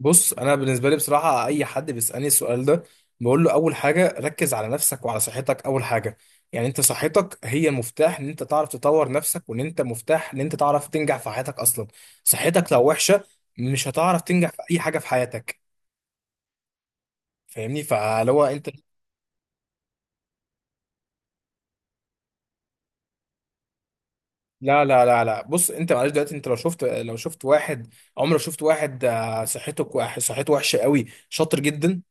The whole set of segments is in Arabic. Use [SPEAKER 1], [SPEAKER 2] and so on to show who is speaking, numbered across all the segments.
[SPEAKER 1] بص، انا بالنسبه لي بصراحه اي حد بيسالني السؤال ده، بقول له اول حاجه ركز على نفسك وعلى صحتك اول حاجه. يعني انت صحتك هي المفتاح ان انت تعرف تطور نفسك، وان انت مفتاح ان انت تعرف تنجح في حياتك اصلا. صحتك لو وحشه مش هتعرف تنجح في اي حاجه في حياتك. فاهمني، فاللي هو انت لا، لا، لا، لا، بص انت معلش دلوقتي انت لو شفت واحد، عمرك شفت واحد صحته صحته وحشه قوي شاطر جدا؟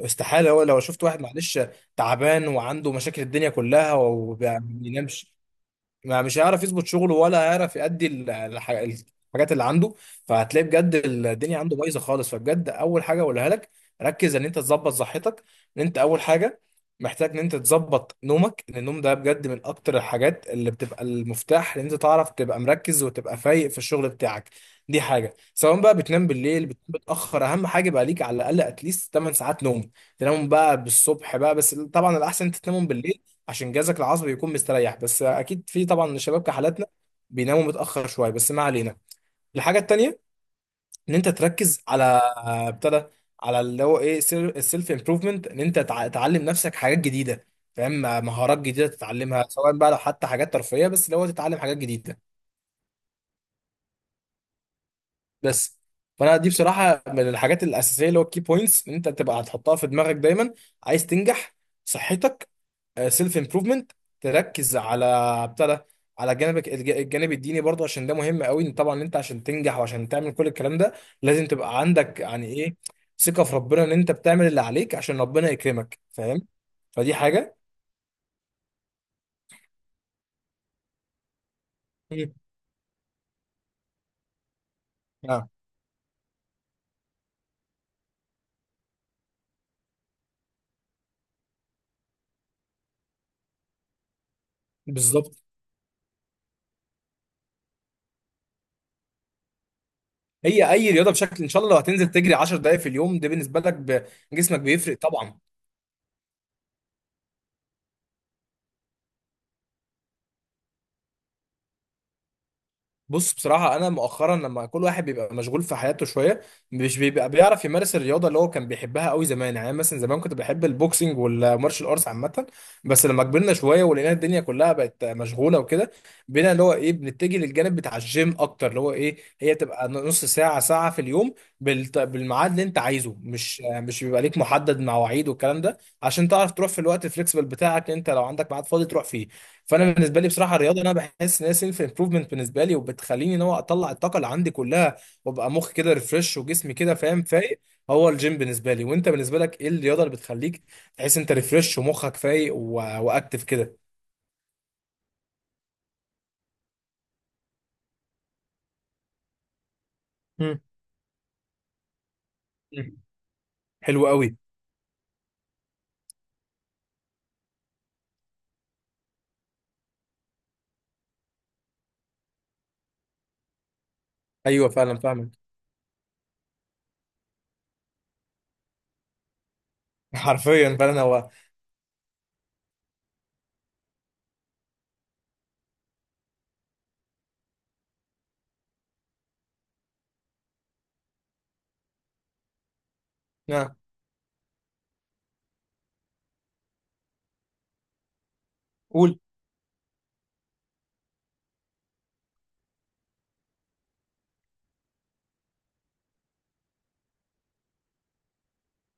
[SPEAKER 1] استحالة. هو لو شفت واحد معلش تعبان وعنده مشاكل الدنيا كلها وما بينامش. ما مش هيعرف يظبط شغله ولا هيعرف يأدي الحاجات اللي عنده. فهتلاقي بجد الدنيا عنده بايظه خالص، فبجد اول حاجه اقولها لك، ركز ان انت تظبط صحتك. ان انت اول حاجه محتاج ان انت تظبط نومك، لان النوم ده بجد من اكتر الحاجات اللي بتبقى المفتاح ان انت تعرف تبقى مركز وتبقى فايق في الشغل بتاعك. دي حاجه، سواء بقى بتنام بالليل بتنام متاخر، اهم حاجه بقى ليك على الاقل اتليست 8 ساعات نوم. تنام بقى بالصبح بقى، بس طبعا الاحسن انت تنامهم بالليل عشان جهازك العصبي يكون مستريح، بس اكيد في طبعا شباب كحالاتنا بيناموا متاخر شويه، بس ما علينا. الحاجه التانيه ان انت تركز على، ابتدى على اللي هو ايه السيلف امبروفمنت، ان انت تعلم نفسك حاجات جديده، فاهم، مهارات جديده تتعلمها سواء بقى لو حتى حاجات ترفيهيه، بس اللي هو تتعلم حاجات جديده بس. فانا دي بصراحه من الحاجات الاساسيه اللي هو الكي بوينتس ان انت تبقى هتحطها في دماغك دايما. عايز تنجح، صحتك، سيلف امبروفمنت، تركز على بتاع ده، على جانبك الجانب الديني برضه، عشان ده مهم قوي. إن طبعا انت عشان تنجح وعشان تعمل كل الكلام ده لازم تبقى عندك يعني ايه، ثقة في ربنا ان انت بتعمل اللي عليك عشان ربنا يكرمك، فاهم؟ فدي حاجة. مم. اه. بالظبط. هي اي رياضة بشكل ان شاء الله لو هتنزل تجري 10 دقائق في اليوم، ده بالنسبة لك جسمك بيفرق طبعا. بص، بصراحة أنا مؤخرا لما كل واحد بيبقى مشغول في حياته شوية، مش بيبقى بيعرف يمارس الرياضة اللي هو كان بيحبها قوي زمان. يعني أنا مثلا زمان كنت بحب البوكسنج والمارشال ارتس عامة، بس لما كبرنا شوية ولقينا الدنيا كلها بقت مشغولة وكده، بقينا اللي هو إيه بنتجه للجانب بتاع الجيم أكتر، اللي هو إيه هي تبقى نص ساعة ساعة في اليوم، بالميعاد اللي أنت عايزه، مش بيبقى ليك محدد مواعيد والكلام ده، عشان تعرف تروح في الوقت الفليكسبل بتاعك، أنت لو عندك ميعاد فاضي تروح فيه. فانا بالنسبه لي بصراحه الرياضه، انا بحس ان هي سيلف امبروفمنت بالنسبه لي، وبتخليني ان هو اطلع الطاقه اللي عندي كلها، وابقى مخي كده ريفرش وجسمي كده، فاهم، فايق. هو الجيم بالنسبه لي، وانت بالنسبه لك ايه الرياضه اللي بتخليك تحس انت ريفرش ومخك فايق و... واكتف كده؟ مم. حلو قوي. ايوه، فعلا فاهمك. حرفيا، فعلا هو. نعم. قول.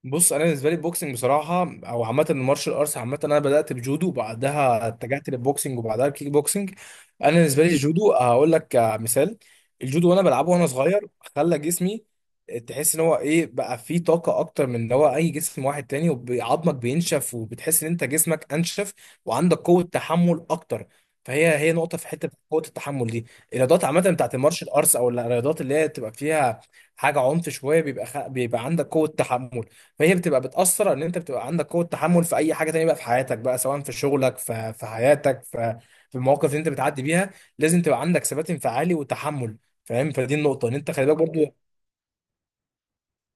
[SPEAKER 1] بص، انا بالنسبه لي البوكسنج بصراحه، او عامه المارشال ارتس عامه، انا بدات بجودو وبعدها اتجهت للبوكسنج وبعدها الكيك بوكسنج. انا بالنسبه لي الجودو هقول لك مثال. الجودو وانا بلعبه وانا صغير، خلى جسمي تحس ان هو ايه بقى فيه طاقه اكتر من ان هو اي جسم واحد تاني، وعظمك بينشف وبتحس ان انت جسمك انشف، وعندك قوه تحمل اكتر. فهي نقطه في حته، قوه التحمل دي. الرياضات عامه بتاعت المارشال ارتس، او الرياضات اللي هي تبقى فيها حاجه عنف شويه، بيبقى بيبقى عندك قوه تحمل. فهي بتبقى بتأثر ان انت بتبقى عندك قوة تحمل في اي حاجة تانية بقى في حياتك بقى، سواء في شغلك في حياتك في المواقف اللي انت بتعدي بيها. لازم تبقى عندك ثبات انفعالي وتحمل، فاهم، فدي النقطة ان انت خلي بالك برضو.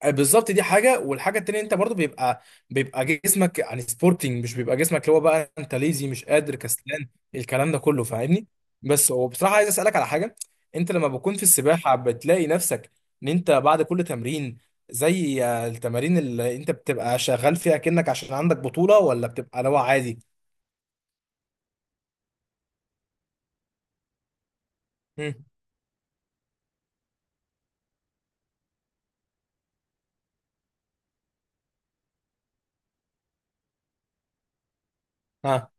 [SPEAKER 1] بالظبط، دي حاجه. والحاجه التانيه انت برضو بيبقى جسمك يعني سبورتنج، مش بيبقى جسمك اللي هو بقى انت ليزي مش قادر كسلان، الكلام ده كله، فاهمني؟ بس هو بصراحه عايز اسالك على حاجه. انت لما بتكون في السباحه بتلاقي نفسك ان انت بعد كل تمرين، زي التمارين اللي انت بتبقى شغال فيها، كأنك عشان عندك بطوله، ولا بتبقى لو عادي؟ مم. ها.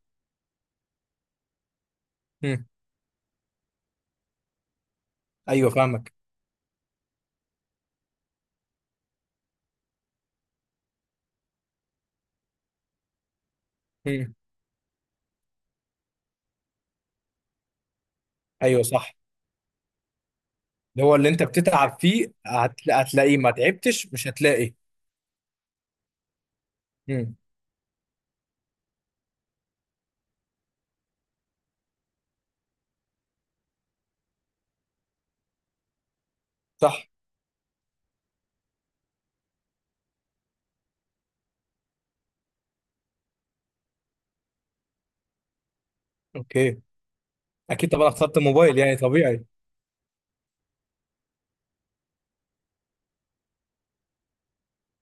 [SPEAKER 1] مم. ايوه، فاهمك. مم. ايوه، صح. اللي هو اللي انت بتتعب فيه هتلاقيه، ما تعبتش مش هتلاقي. مم. صح. اوكي. اكيد طبعا اخترت الموبايل، يعني طبيعي.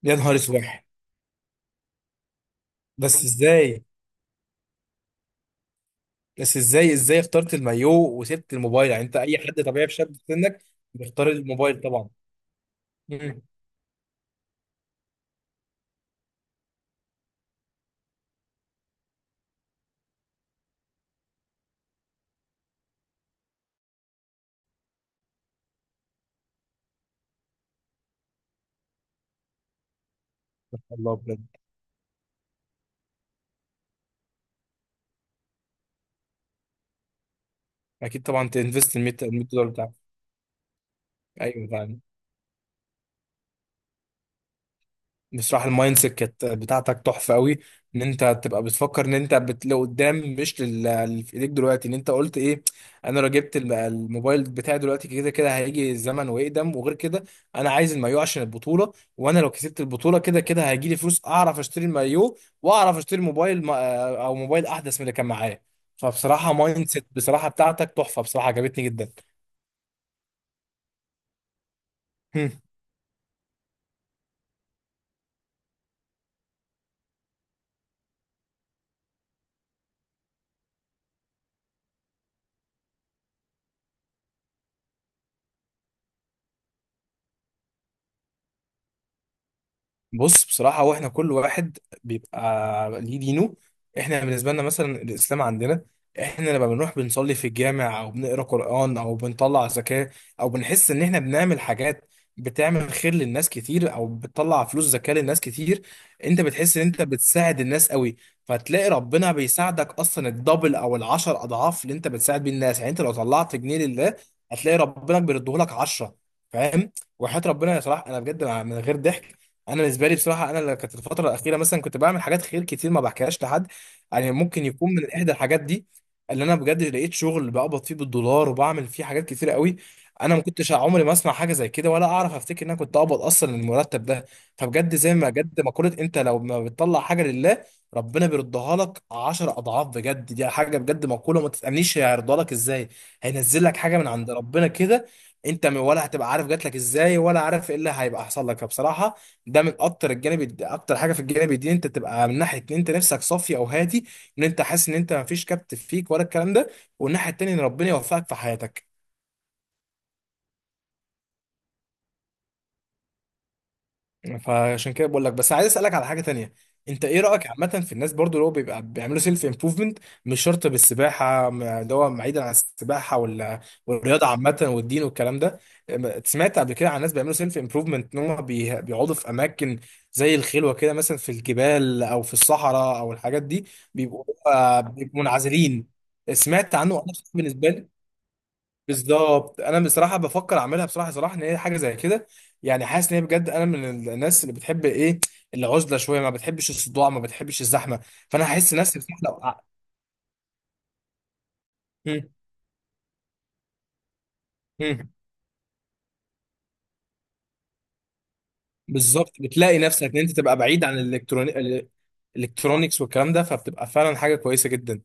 [SPEAKER 1] يا نهار اسود. بس ازاي؟ بس ازاي، ازاي اخترت المايو وسبت الموبايل؟ يعني انت اي حد طبيعي في شاب في سنك بيختار الموبايل طبعا. مم. الله، بجد. اكيد طبعا تنفست ال $100 بتاعك. ايوه، فعلا. بصراحة المايند سيت كانت بتاعتك تحفة قوي، ان انت تبقى بتفكر ان انت لقدام، مش اللي في ايديك دلوقتي، ان انت قلت ايه؟ انا لو جبت الموبايل بتاعي دلوقتي كده كده هيجي الزمن ويقدم، وغير كده انا عايز المايو عشان البطولة، وانا لو كسبت البطولة كده كده هيجي لي فلوس اعرف اشتري المايو واعرف اشتري موبايل او موبايل احدث من اللي كان معايا. فبصراحة مايند سيت بصراحة بتاعتك تحفة، بصراحة عجبتني جدا. بص، بصراحة هو احنا كل واحد بيبقى ليه دينه. احنا بالنسبة لنا مثلا الإسلام عندنا، احنا لما بنروح بنصلي في الجامع أو بنقرأ قرآن أو بنطلع زكاة، أو بنحس إن احنا بنعمل حاجات بتعمل خير للناس كتير أو بتطلع فلوس زكاة للناس كتير، أنت بتحس إن أنت بتساعد الناس قوي. فتلاقي ربنا بيساعدك أصلا الدبل أو العشر أضعاف اللي أنت بتساعد بيه الناس. يعني أنت لو طلعت جنيه لله، هتلاقي ربنا بيردهولك عشرة، فاهم؟ وحياة ربنا يا صلاح، أنا بجد من غير ضحك، انا بالنسبه لي بصراحه انا اللي كانت الفتره الاخيره مثلا كنت بعمل حاجات خير كتير ما بحكيهاش لحد، يعني ممكن يكون من احدى الحاجات دي، اللي انا بجد لقيت شغل بقبض فيه بالدولار وبعمل فيه حاجات كتير قوي. انا ما كنتش عمري ما اسمع حاجه زي كده، ولا اعرف افتكر ان انا كنت اقبض اصلا المرتب ده. فبجد زي ما بجد مقوله، انت لو ما بتطلع حاجه لله، ربنا بيردها لك 10 اضعاف. بجد دي حاجه، بجد مقوله ما تتامنيش هيرضى لك ازاي، هينزل لك حاجه من عند ربنا كده، انت ولا هتبقى عارف جات لك ازاي، ولا عارف ايه اللي هيبقى حصل لك. فبصراحه ده من اكتر الجانب اكتر حاجه في الجانب الديني، انت تبقى من ناحيه ان انت نفسك صافي او هادي، ان انت حاسس ان انت ما فيش كبت فيك ولا الكلام ده، والناحيه التانيه ان ربنا يوفقك في حياتك. فعشان كده بقول لك بس عايز اسالك على حاجه تانية، انت ايه رايك، اتفضل، عامه في الناس برضو اللي هو بيبقى بيعملوا سيلف امبروفمنت، مش شرط بالسباحه، اللي هو بعيدا عن السباحه، ولا والرياضه عامه والدين والكلام ده، سمعت قبل كده عن ناس بيعملوا سيلف امبروفمنت ان هم بيقعدوا في اماكن زي الخلوه كده مثلا، في الجبال او في الصحراء او الحاجات دي، بيبقوا منعزلين. سمعت عنه، انا بالنسبه لي بالظبط، انا بصراحه بفكر اعملها بصراحه ان هي حاجه زي كده. يعني حاسس ان هي بجد، انا من الناس اللي بتحب ايه، العزله شويه، ما بتحبش الصداع ما بتحبش الزحمه. فانا هحس نفسي بصراحه لو مم. مم. بالظبط، بتلاقي نفسك ان انت تبقى بعيد عن الالكترونيكس والكلام ده، فبتبقى فعلا حاجه كويسه جدا.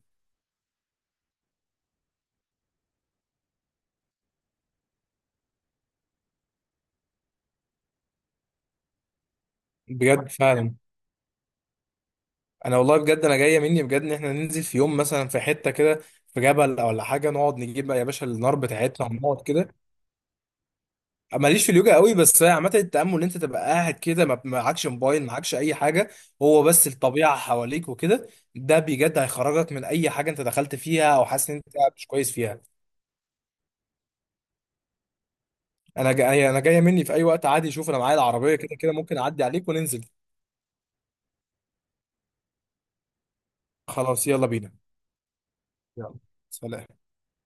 [SPEAKER 1] بجد، فعلا. انا والله بجد، انا جايه مني بجد ان احنا ننزل في يوم مثلا في حته كده، في جبل ولا حاجه، نقعد نجيب بقى يا باشا النار بتاعتنا ونقعد كده. ماليش في اليوجا قوي، بس هي عامه التامل ان انت تبقى قاعد كده ما معكش موبايل معكش اي حاجه، هو بس الطبيعه حواليك وكده. ده بجد هيخرجك من اي حاجه انت دخلت فيها او حاسس ان انت مش كويس فيها. انا جايه مني في اي وقت عادي، شوف انا معايا العربيه كده كده ممكن اعدي عليك وننزل. خلاص يلا بينا. يلا، سلام.